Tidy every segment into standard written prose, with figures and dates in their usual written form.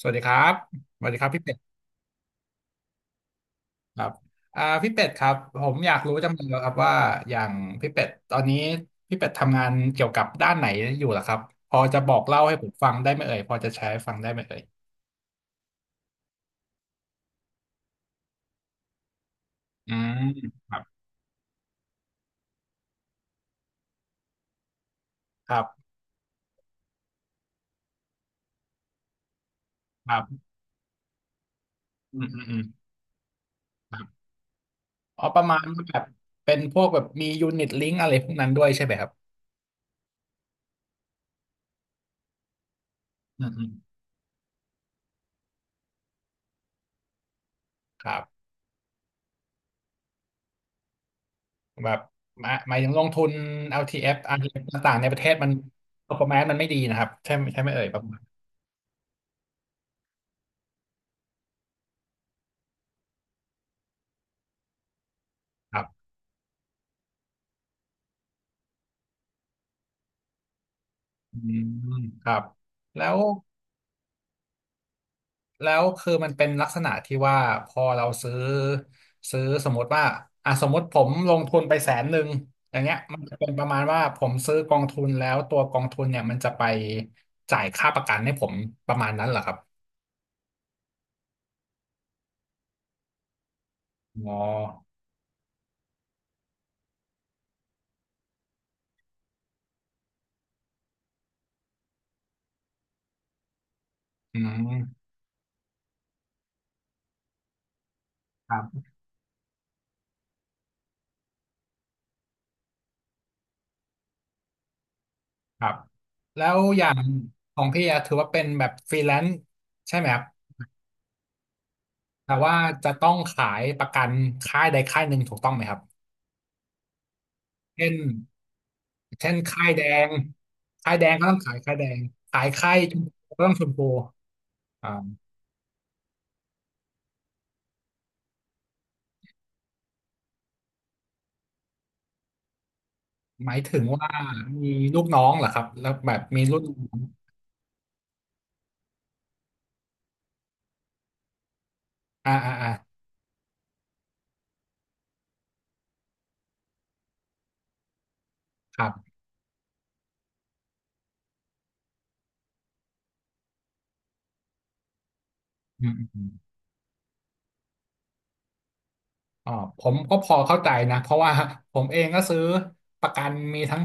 สวัสดีครับสวัสดีครับพี่เป็ดครับพี่เป็ดครับผมอยากรู้จังเลยครับว่าอย่างพี่เป็ดตอนนี้พี่เป็ดทำงานเกี่ยวกับด้านไหนอยู่ล่ะครับพอจะบอกเล่าให้ผมฟังได้ไหมเอ่ยพอจะแชร์ให้ฟังได้ไหมเอ่ยอืมครับครับครับอืมอืมอืมครับอ๋อประมาณว่าแบบเป็นพวกแบบมียูนิตลิงก์อะไรพวกนั้นด้วยใช่ไหมครับอืมอืมครับแบบหมายถึงลงทุน l ทีเอฟอาร์ทีเอฟต่างๆในประเทศมัน performance มันไม่ดีนะครับใช่ไหมเอ่ยประมาณ อืมครับแล้วแล้วคือมันเป็นลักษณะที่ว่าพอเราซื้อสมมติว่าอ่ะสมมติผมลงทุนไปแสนหนึ่งอย่างเงี้ยมันจะเป็นประมาณว่าผมซื้อกองทุนแล้วตัวกองทุนเนี่ยมันจะไปจ่ายค่าประกันให้ผมประมาณนั้นเหรอครับอ๋ออืมครับครับแล้วอย่างของพี่อะถือว่าเป็นแบบฟรีแลนซ์ใช่ไหมครับแต่ว่าจะต้องขายประกันค่ายใดค่ายหนึ่งถูกต้องไหมครับ เช่นเช่นงค่ายแดงก็ต้องขายค่ายแดงขายค่ายชมพูก็ต้องชมพูอ่าหมายถึงว่ามีลูกน้องเหรอครับแล้วแบบมีรุ่นน้องอ่าอ่าอ่าครับอืมอืมอมอ๋อผมก็พอเข้าใจนะเพราะว่าผมเองก็ซื้อประกันมีทั้ง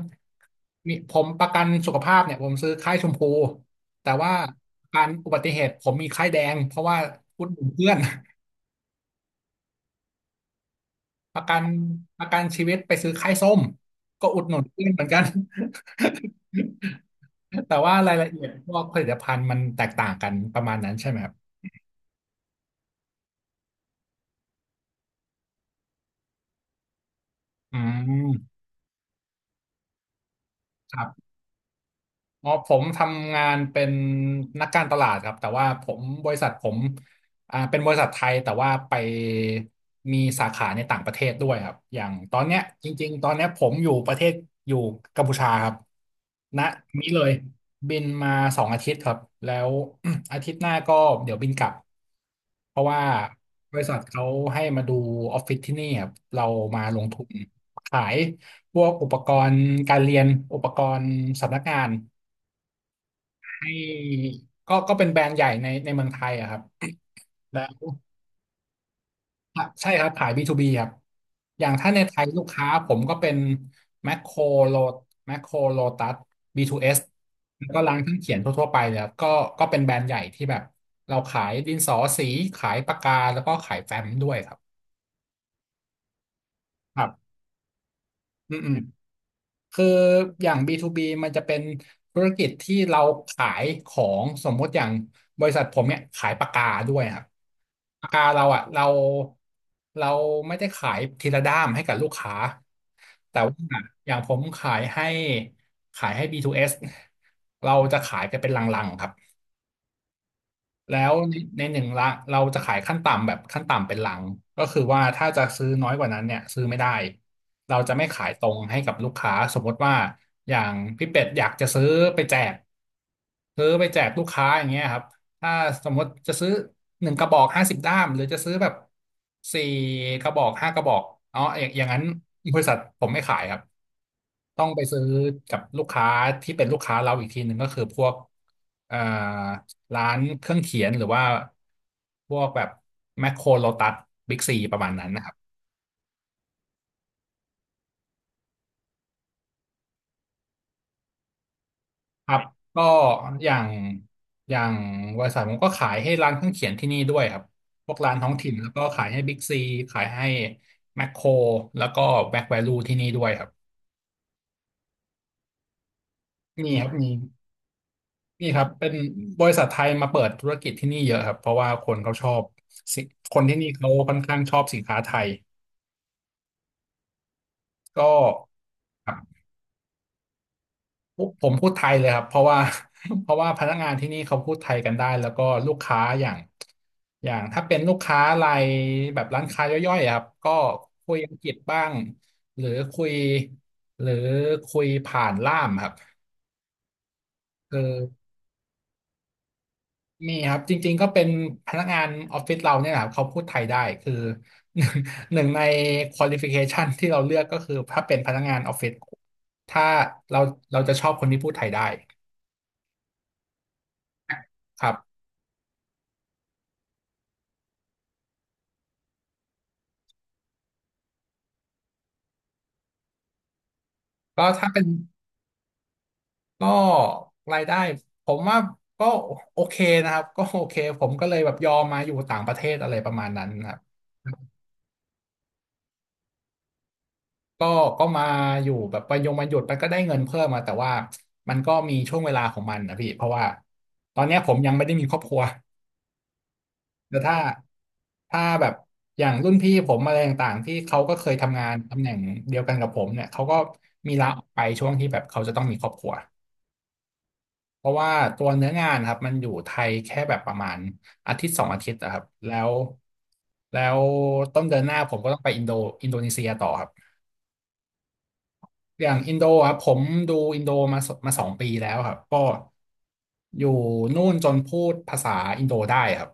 มีผมประกันสุขภาพเนี่ยผมซื้อค่ายชมพูแต่ว่าประการอุบัติเหตุผมมีค่ายแดงเพราะว่าอุดหนุนเพื่อน ประกันประกันชีวิตไปซื้อค่ายส้มก็อุดหนุนเพื่อนเหมือนกัน แต่ว่ารายละเอียดพวกผลิตภัณฑ์มันแตกต่างกันประมาณนั้นใช่ไหมครับอืมครับ อ๋อผมทำงานเป็นนักการตลาดครับแต่ว่าบริษัทผมอ่าเป็นบริษัทไทยแต่ว่าไปมีสาขาในต่างประเทศด้วยครับอย่างตอนเนี้ยจริงๆตอนเนี้ยผมอยู่ประเทศอยู่กัมพูชาครับณนี้เลยบินมา2 อาทิตย์ครับแล้ว อาทิตย์หน้าก็เดี๋ยวบินกลับเพราะว่าบริษัทเขาให้มาดูออฟฟิศที่นี่ครับเรามาลงทุนขายพวกอุปกรณ์การเรียนอุปกรณ์สำนักงาน ให้ก็เป็นแบรนด์ใหญ่ในเมืองไทยอะครับแล้วใช่ครับขาย B2B ครับอย่างถ้าในไทยลูกค้าผมก็เป็นแมคโครโลแมคโครโลตัส B2S แล้วก็ร้านเครื่องเขียนทั่วๆไปเลยครับก็เป็นแบรนด์ใหญ่ที่แบบเราขายดินสอสีขายปากกาแล้วก็ขายแฟ้มด้วยครับครับอืมอืม คืออย่าง B2B มันจะเป็นธุรกิจที่เราขายของสมมติอย่างบริษัทผมเนี่ยขายปากกาด้วยครับปากกาเราอ่ะเราไม่ได้ขายทีละด้ามให้กับลูกค้าแต่ว่าอย่างผมขายให้ B2S เอสเราจะขายกันเป็นลังๆครับ แล้วในหนึ่งละเราจะขายขั้นต่ำแบบขั้นต่ำเป็นหลังก็คือว่าถ้าจะซื้อน้อยกว่านั้นเนี่ยซื้อไม่ได้เราจะไม่ขายตรงให้กับลูกค้าสมมติว่าอย่างพี่เป็ดอยากจะไปแจกซื้อไปแจกลูกค้าอย่างเงี้ยครับ ถ้าสมมติจะซื้อหนึ่งกระบอก50 ด้ามหรือจะซื้อแบบสี่กระบอกห้ากระบอกอ๋ออย่างนั้นบริษัทผมไม่ขายครับต้องไปซื้อกับลูกค้าที่เป็นลูกค้าเราอีกทีหนึ่งก็คือพวกเอ่อร้านเครื่องเขียนหรือว่าพวกแบบแมคโครโลตัสบิ๊กซีประมาณนั้นนะครับ ครับก็อย่างอย่างบริษัทผมก็ขายให้ร้านเครื่องเขียนที่นี่ด้วยครับพวกร้านท้องถิ่นแล้วก็ขายให้บิ๊กซีขายให้แมคโครแล้วก็แบ็คแวลูที่นี่ด้วยครับมีครับมีมีครับเป็นบริษัทไทยมาเปิดธุรกิจที่นี่เยอะครับเพราะว่าคนเขาชอบสิคนที่นี่เขาค่อนข้างชอบสินค้าไทยก็ ผมพูดไทยเลยครับเพราะว่า เพราะว่าพนักงานที่นี่เขาพูดไทยกันได้แล้วก็ลูกค้าอย่างถ้าเป็นลูกค้ารายแบบร้านค้าย่อยๆอะครับก็คุยอังกฤษบ้างหรือคุยหรือคุยผ่านล่ามครับคือมีครับจริงๆก็เป็นพนักงานออฟฟิศเราเนี่ยนะครับเขาพูดไทยได้คือ หนึ่งในควอลิฟิเคชันที่เราเลือกก็คือถ้าเป็นพนักงานออฟฟิศถ้าเราเราจะชอบคนที่พูดไทยได้ครับก็ถ้าเป็น ก็รายได้ผมว่าก็โอเคนะครับก็โอเคผมก็เลยแบบยอมมาอยู่ต่างประเทศอะไรประมาณนั้นนะครับก็ก็มาอยู่แบบไปยงมาหยุดไปก็ได้เงินเพิ่มมาแต่ว่ามันก็มีช่วงเวลาของมันนะพี่เพราะว่าตอนเนี้ยผมยังไม่ได้มีครอบครัวแต่ถ้าแบบอย่างรุ่นพี่ผมอะไรต่างๆที่เขาก็เคยทำงานตำแหน่งเดียวกันกับผมเนี่ยเขาก็มีลาออกไปช่วงที่แบบเขาจะต้องมีครอบครัว เพราะว่าตัวเนื้องานครับมันอยู่ไทยแค่แบบประมาณอาทิตย์สองอาทิตย์อะครับแล้วต้นเดือนหน้าผมก็ต้องไปอินโดอินโดนีเซียต่อครับอย่างอินโดครับผมดูอินโดมาสองปีแล้วครับก็อยู่นู่นจนพูดภาษาอินโดได้ครับ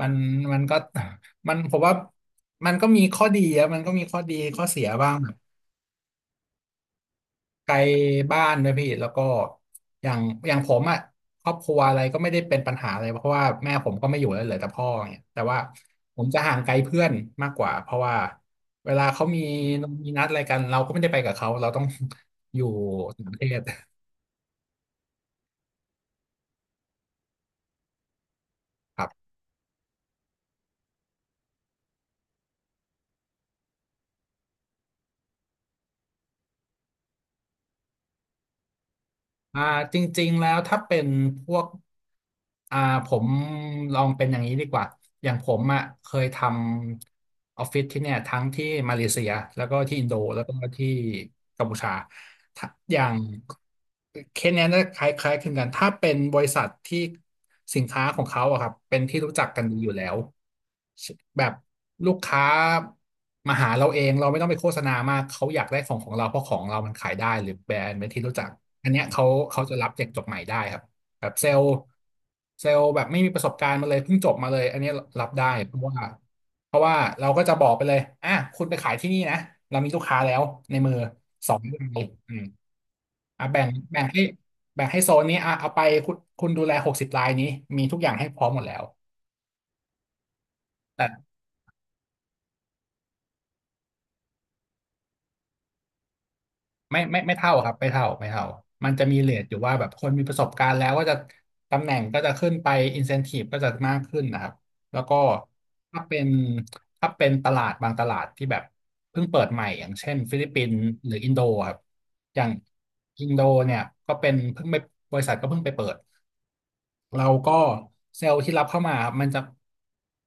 มันมันก็ มันผมว่ามันก็มีข้อดีอะมันก็มีข้อดีข้อเสียบ้าง ไกลบ้านด้วยพี่แล้วก็อย่างอย่างผมอ่ะครอบครัวอะไรก็ไม่ได้เป็นปัญหาอะไรเพราะว่าแม่ผมก็ไม่อยู่แล้วเหลือแต่พ่อเนี่ยแต่ว่าผมจะห่างไกลเพื่อนมากกว่าเพราะว่าเวลาเขามีนัดอะไรกันเราก็ไม่ได้ไปกับเขาเราต้อง อยู่ต่างประเทศครับอ่าจริงๆแล้วถ้าเป็นพวก อ่าผมลองเป็นอย่างนี้ดีกว่าอย่างผมอ่ะเคยทำออฟฟิศที่เนี่ยทั้งที่มาเลเซียแล้วก็ที่อินโดแล้วก็ที่กัมพูชาถ้าอย่างเคสเนี้ยน่าคล้ายๆคลึงกันถ้าเป็นบริษัทที่สินค้าของเขาอะครับเป็นที่รู้จักกันดีอยู่แล้วแบบลูกค้ามาหาเราเองเราไม่ต้องไปโฆษณามากเขาอยากได้ของของเราเพราะของเรามันขายได้หรือแบรนด์เป็นที่รู้จักอันเนี้ยเขาจะรับเด็กจบใหม่ได้ครับ แบบเซลล์แบบไม่มีประสบการณ์มาเลยเพิ่งจบมาเลยอันนี้รับได้เพราะว่าเราก็จะบอกไปเลยอ่ะคุณไปขายที่นี่นะเรามีลูกค้าแล้วในมือสองรายอืมอ่ะแบ่งให้แบ่งให้โซนนี้อ่ะเอาไปคุณดูแลหกสิบรายนี้มีทุกอย่างให้พร้อมหมดแล้ว ไม่เท่าครับไม่เท่าไม่เท่ามันจะมีเรทอยู่ว่าแบบคนมีประสบการณ์แล้วก็จะตำแหน่งก็จะขึ้นไปอินเซนทีฟก็จะมากขึ้นนะครับแล้วก็ถ้าเป็นถ้าเป็นตลาดบางตลาดที่แบบเพิ่งเปิดใหม่อย่างเช่นฟิลิปปินส์หรืออินโดครับอย่างอินโดเนี่ยก็เป็นเพิ่งไปบริษัทก็เพิ่งไปเปิดเราก็เซลล์ที่รับเข้ามาครับมันจะ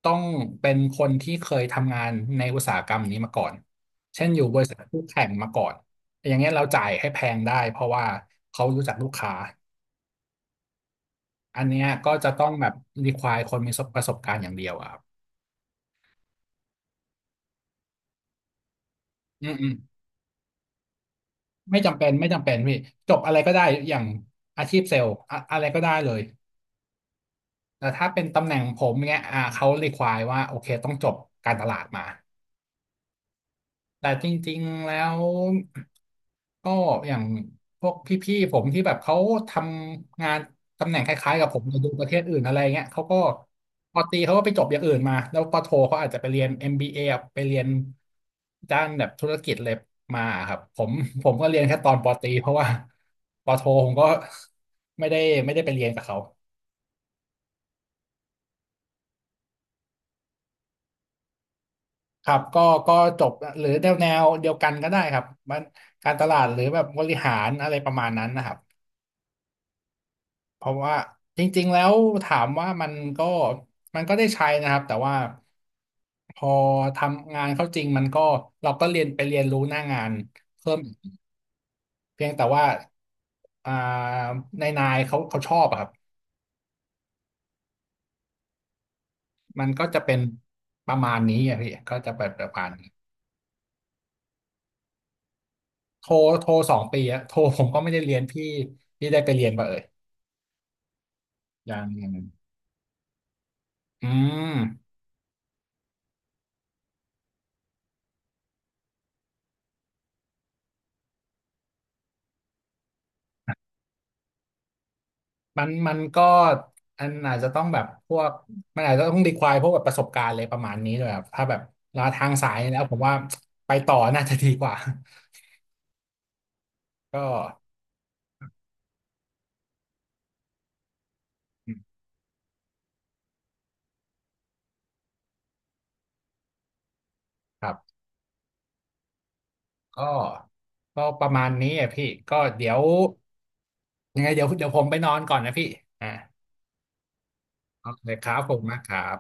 ต้องเป็นคนที่เคยทำงานในอุตสาหกรรมนี้มาก่อนเช่นอยู่บริษัทคู่แข่งมาก่อน อย่างเงี้ยเราจ่ายให้แพงได้เพราะว่าเขารู้จักลูกค้าอันเนี้ยก็จะต้องแบบ require คนมีประสบการณ์อย่างเดียวอะครับอืมอืมไม่จำเป็นพี่จบอะไรก็ได้อย่างอาชีพเซลล์อะอะไรก็ได้เลยแต่ถ้าเป็นตำแหน่งผมเนี้ยเขา require ว่าโอเคต้องจบการตลาดมาแต่จริงๆแล้ว ก็อย่างพวกพี่ๆผมที่แบบเขาทำงานตำแหน่งคล้ายๆกับผมในดูประเทศอื่นอะไรเงี้ยเขาก็ปอตรีเขาก็ไปจบอย่างอื่นมาแล้วปอโทเขาอาจจะไปเรียน MBA อมบีเอไปเรียนด้านแบบธุรกิจเลยมาครับผมผมก็เรียนแค่ตอนปอตรีเพราะว่า ปอโทผมก็ไม่ได้ไม่ได้ไปเรียนกับเขาครับก็จบหรือแนวเดียวกันก็ได้ครับมันการตลาดหรือแบบบริหารอะไรประมาณนั้นนะครับ เพราะว่าจริงๆแล้วถามว่ามันก็ได้ใช้นะครับแต่ว่าพอทำงานเข้าจริงมันก็เราก็เรียนไปเรียนรู้หน้างานเพิ่มอีกเพียงแต่ว่าอ่านายเขาชอบอะครับมันก็จะเป็นประมาณนี้อะพี่ก็จะเป็นประมาณนี้โทรโทรสองปีอะโทรผมก็ไม่ได้เรียนพี่พี่ได้ไปเรียนป่ะเอ่ยยังยังอืม มันก็อันอาจจะต้องแบบพวกมันอาจจะต้องรีควายพวกแบบประสบการณ์อะไรประมาณนี้ด้วยครับถ้าแบบลาทางสายแล้วผมว่าไปต่อน่าจะดีกว่า ก็อืมครับก็ก็ประมาณนี้อ่ะพี่ก็เดี๋ยวยังไงเดี๋ยวผมไปนอนก่อนนะพี่อ่าโอเคครับผมมากครับ